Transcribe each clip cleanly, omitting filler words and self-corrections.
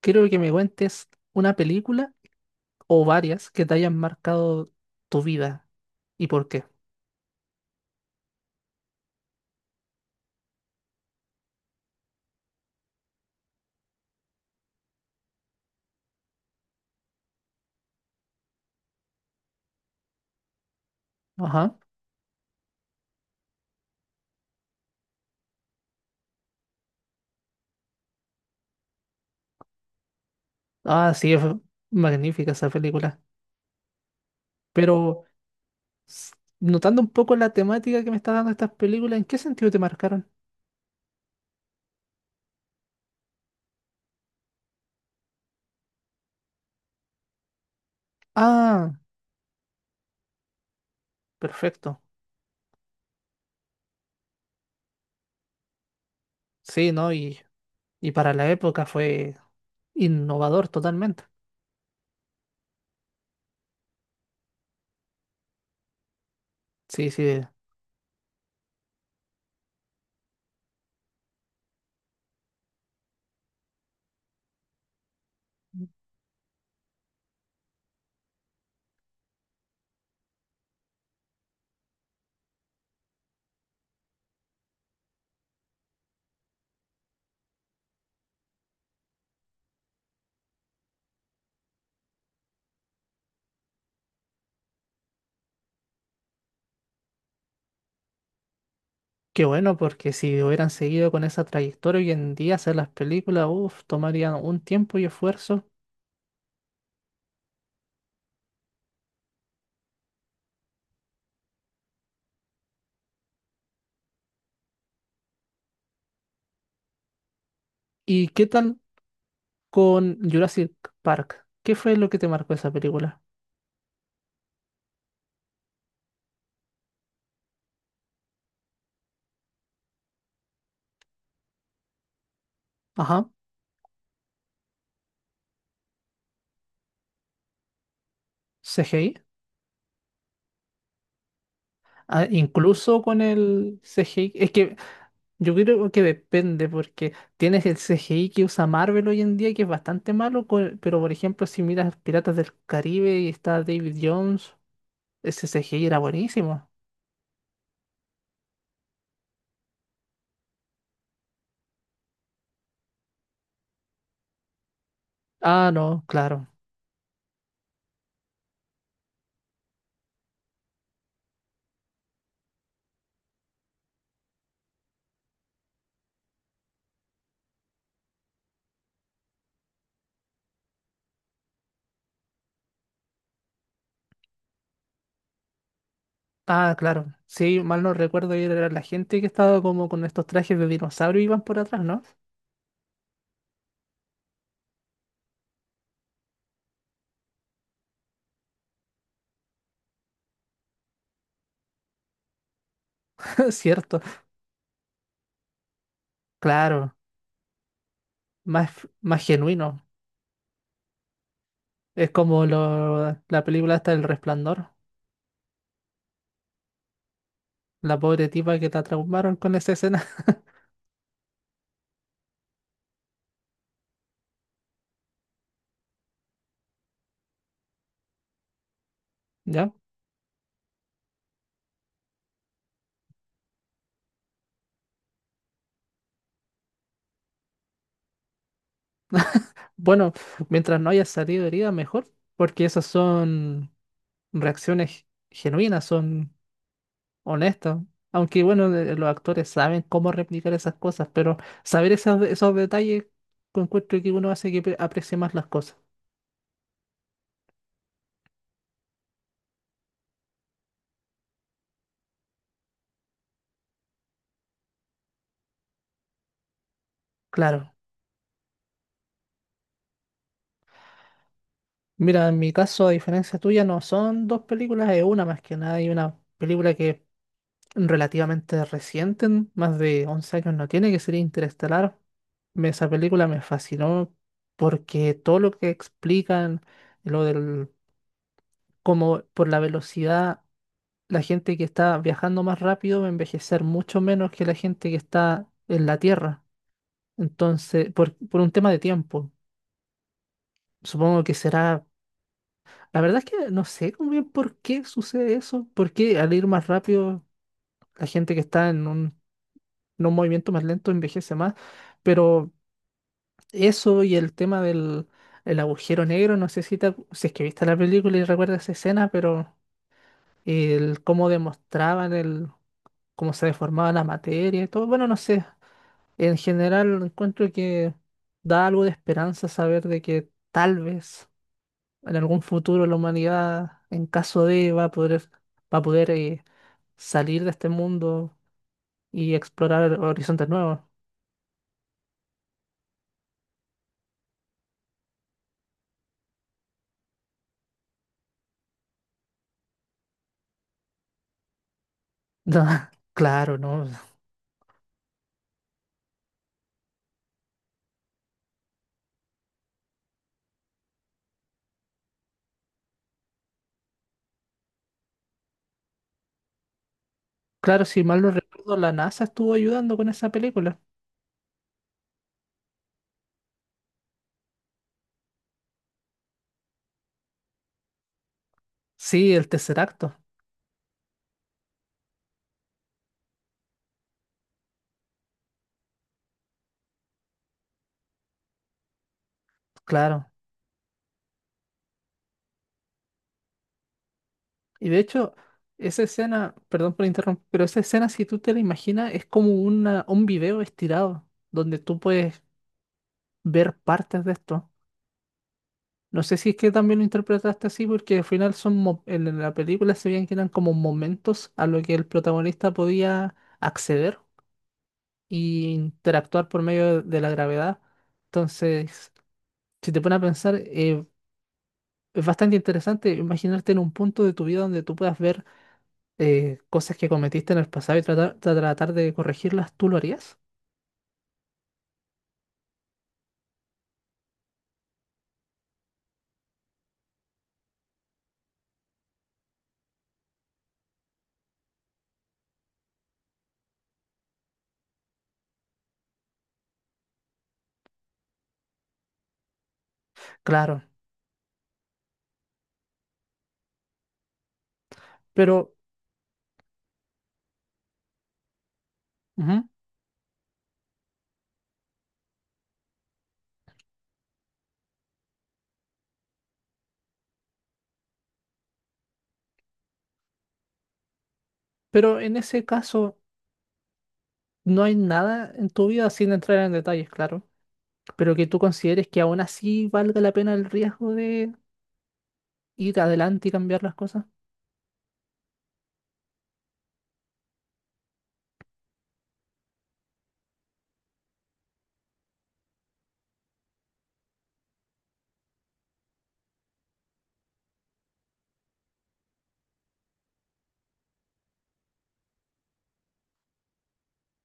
Quiero que me cuentes una película o varias que te hayan marcado tu vida y por qué. Ajá. Ah, sí, es magnífica esa película. Pero s- notando un poco la temática que me está dando estas películas, ¿en qué sentido te marcaron? Ah, perfecto. Sí, ¿no? Y para la época fue innovador totalmente. Sí, sí. Qué bueno, porque si hubieran seguido con esa trayectoria hoy en día hacer las películas, uff, tomarían un tiempo y esfuerzo. ¿Y qué tal con Jurassic Park? ¿Qué fue lo que te marcó esa película? Ajá, CGI. Ah, incluso con el CGI. Es que yo creo que depende, porque tienes el CGI que usa Marvel hoy en día, que es bastante malo, pero por ejemplo, si miras Piratas del Caribe y está David Jones, ese CGI era buenísimo. Ah, no, claro. Ah, claro. Sí, mal no recuerdo, era la gente que estaba como con estos trajes de dinosaurio y iban por atrás, ¿no? Cierto, claro. Más, más genuino. Es como la película hasta El Resplandor, la pobre tipa que la traumaron con esa escena. ¿Ya? Bueno, mientras no haya salido herida, mejor, porque esas son reacciones genuinas, son honestas. Aunque bueno, los actores saben cómo replicar esas cosas, pero saber esos detalles, encuentro que uno hace que aprecie más las cosas. Claro. Mira, en mi caso, a diferencia tuya, no son dos películas, es una más que nada, y una película que relativamente reciente, en más de 11 años no tiene, que sería Interestelar. Esa película me fascinó porque todo lo que explican, lo del cómo por la velocidad, la gente que está viajando más rápido va a envejecer mucho menos que la gente que está en la Tierra. Entonces, por un tema de tiempo, supongo que será... La verdad es que no sé muy bien por qué sucede eso, porque al ir más rápido, la gente que está en un no un movimiento más lento envejece más, pero eso y el tema del el agujero negro, no sé si, si es que viste la película y recuerdas esa escena, pero el cómo demostraban el cómo se deformaba la materia y todo, bueno, no sé, en general encuentro que da algo de esperanza saber de que tal vez en algún futuro la humanidad, en caso de, va a poder salir de este mundo y explorar horizontes nuevos. No, claro, no. Claro, si mal no recuerdo, la NASA estuvo ayudando con esa película. Sí, el tercer acto, claro. Y de hecho, esa escena, perdón por interrumpir, pero esa escena, si tú te la imaginas, es como una, un video estirado, donde tú puedes ver partes de esto. No sé si es que también lo interpretaste así, porque al final son en la película se veían que eran como momentos a lo que el protagonista podía acceder y interactuar por medio de la gravedad. Entonces, si te pones a pensar, es bastante interesante imaginarte en un punto de tu vida donde tú puedas ver cosas que cometiste en el pasado y tratar, tratar de corregirlas, ¿tú lo harías? Claro, pero, ujú, pero en ese caso no hay nada en tu vida sin entrar en detalles, claro, pero que tú consideres que aún así valga la pena el riesgo de ir adelante y cambiar las cosas.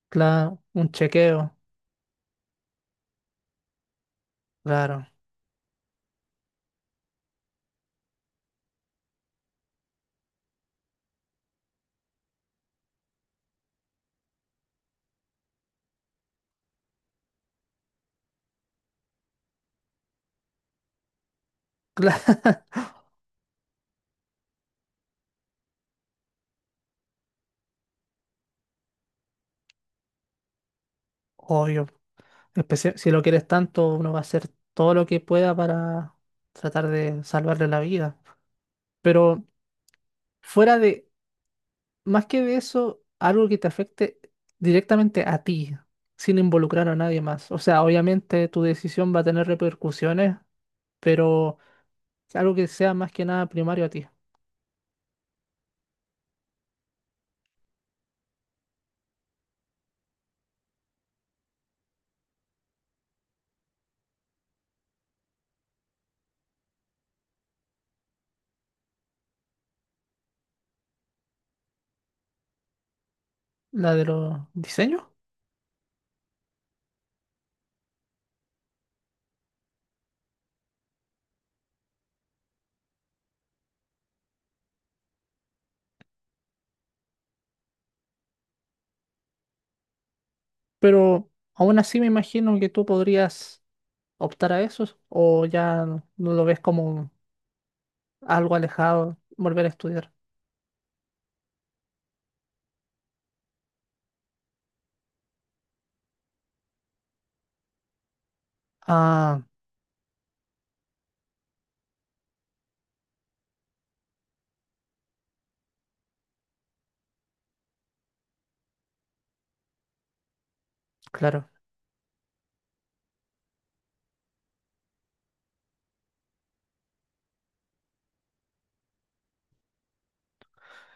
Claro, un chequeo, claro, claro, obvio. Si lo quieres tanto, uno va a hacer todo lo que pueda para tratar de salvarle la vida. Pero fuera de, más que de eso, algo que te afecte directamente a ti, sin involucrar a nadie más. O sea, obviamente tu decisión va a tener repercusiones, pero algo que sea más que nada primario a ti. La de los diseños. Pero aún así me imagino que tú podrías optar a eso o ya no lo ves como algo alejado, volver a estudiar. Ah, claro.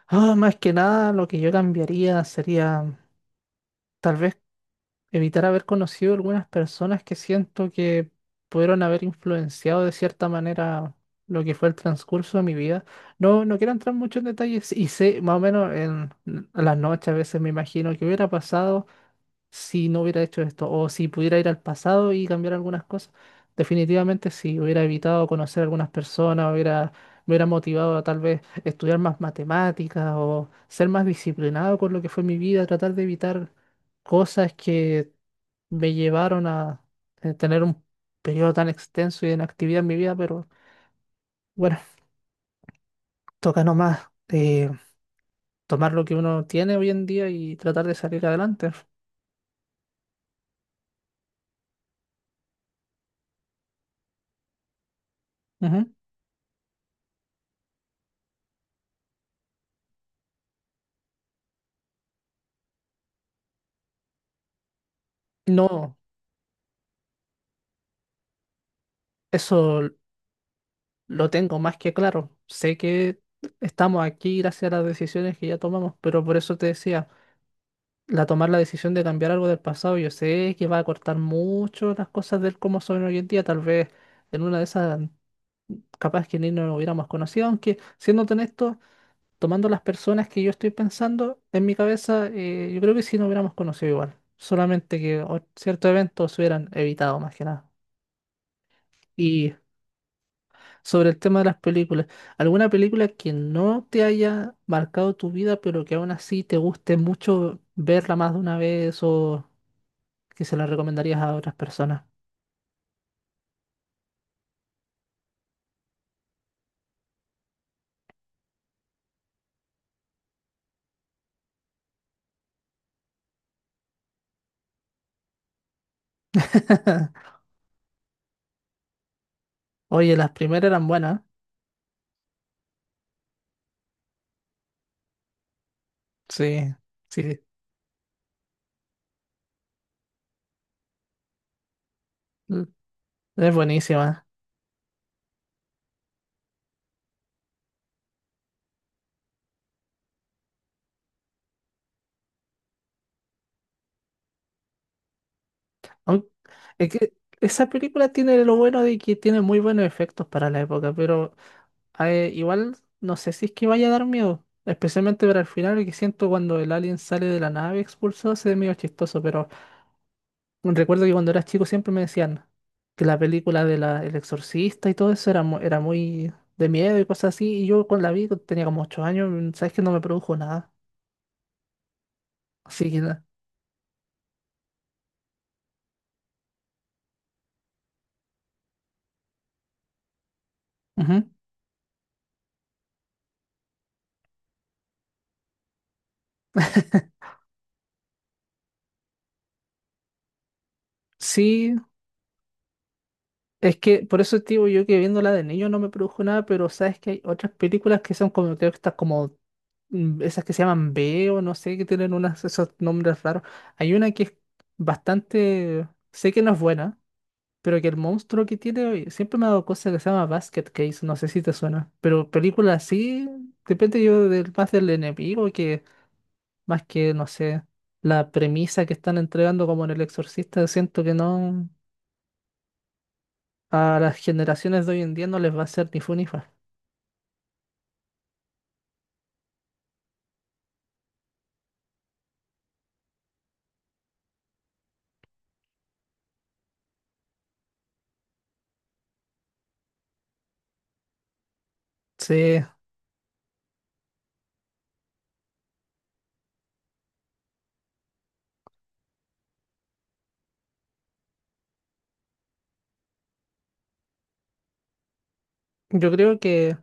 Ah, más que nada, lo que yo cambiaría sería tal vez evitar haber conocido algunas personas que siento que pudieron haber influenciado de cierta manera lo que fue el transcurso de mi vida. No, quiero entrar mucho en detalles y sé más o menos en a las noches a veces me imagino que hubiera pasado si no hubiera hecho esto, o si pudiera ir al pasado y cambiar algunas cosas, definitivamente sí, hubiera evitado conocer a algunas personas, hubiera, me hubiera motivado a tal vez estudiar más matemáticas o ser más disciplinado con lo que fue mi vida, tratar de evitar cosas que me llevaron a tener un periodo tan extenso y de inactividad en mi vida, pero bueno, toca nomás eh, tomar lo que uno tiene hoy en día y tratar de salir adelante. Ujú. No, eso lo tengo más que claro. Sé que estamos aquí gracias a las decisiones que ya tomamos, pero por eso te decía, la tomar la decisión de cambiar algo del pasado, yo sé que va a cortar mucho las cosas del cómo son hoy en día. Tal vez en una de esas, capaz que ni nos hubiéramos conocido, aunque siendo honesto, tomando las personas que yo estoy pensando en mi cabeza, yo creo que sí nos hubiéramos conocido igual. Solamente que ciertos eventos se hubieran evitado más que nada. Y sobre el tema de las películas, ¿alguna película que no te haya marcado tu vida, pero que aún así te guste mucho verla más de una vez o que se la recomendarías a otras personas? Oye, las primeras eran buenas. Sí, sí, mm, es buenísima. Aun- es que esa película tiene lo bueno de que tiene muy buenos efectos para la época, pero igual no sé si es que vaya a dar miedo, especialmente para el final, que siento cuando el alien sale de la nave expulsado, se ve medio chistoso, pero... Recuerdo que cuando era chico siempre me decían que la película de la, El Exorcista y todo eso era, era muy de miedo y cosas así. Y yo con la vi, cuando tenía como 8 años, mm, sabes que no me produjo nada. Así que nada. Ujú. Sí, es que por eso te yo que viéndola de niño no me produjo nada, pero sabes que hay otras películas que son como, creo que estas como, mm, esas que se llaman B o no sé, que tienen unas, esos nombres raros. Hay una que es bastante, sé que no es buena, pero que el monstruo que tiene siempre me ha dado cosas, que se llama Basket Case, no sé si te suena. Pero películas así, depende yo del, más del enemigo que más que, no sé, la premisa que están entregando como en El Exorcista, siento que no, a las generaciones de hoy en día no les va a ser ni fu ni fa. Sí, yo creo que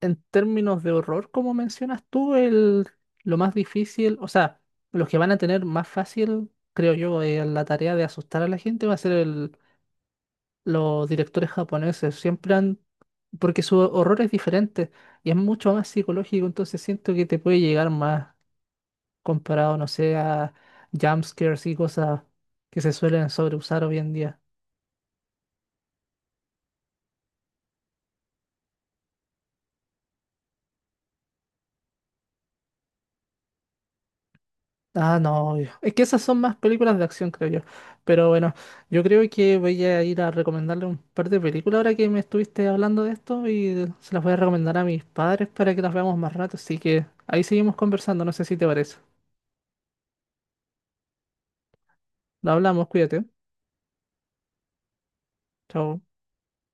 en términos de horror, como mencionas tú, el, lo más difícil, o sea, los que van a tener más fácil, creo yo, la tarea de asustar a la gente va a ser el los directores japoneses siempre han, porque su horror es diferente y es mucho más psicológico, entonces siento que te puede llegar más comparado, no sé, a jumpscares y cosas que se suelen sobreusar hoy en día. Ah, no, obvio. Es que esas son más películas de acción, creo yo. Pero bueno, yo creo que voy a ir a recomendarle un par de películas ahora que me estuviste hablando de esto y se las voy a recomendar a mis padres para que las veamos más rato. Así que ahí seguimos conversando, no sé si te parece. Lo hablamos, cuídate. Chao.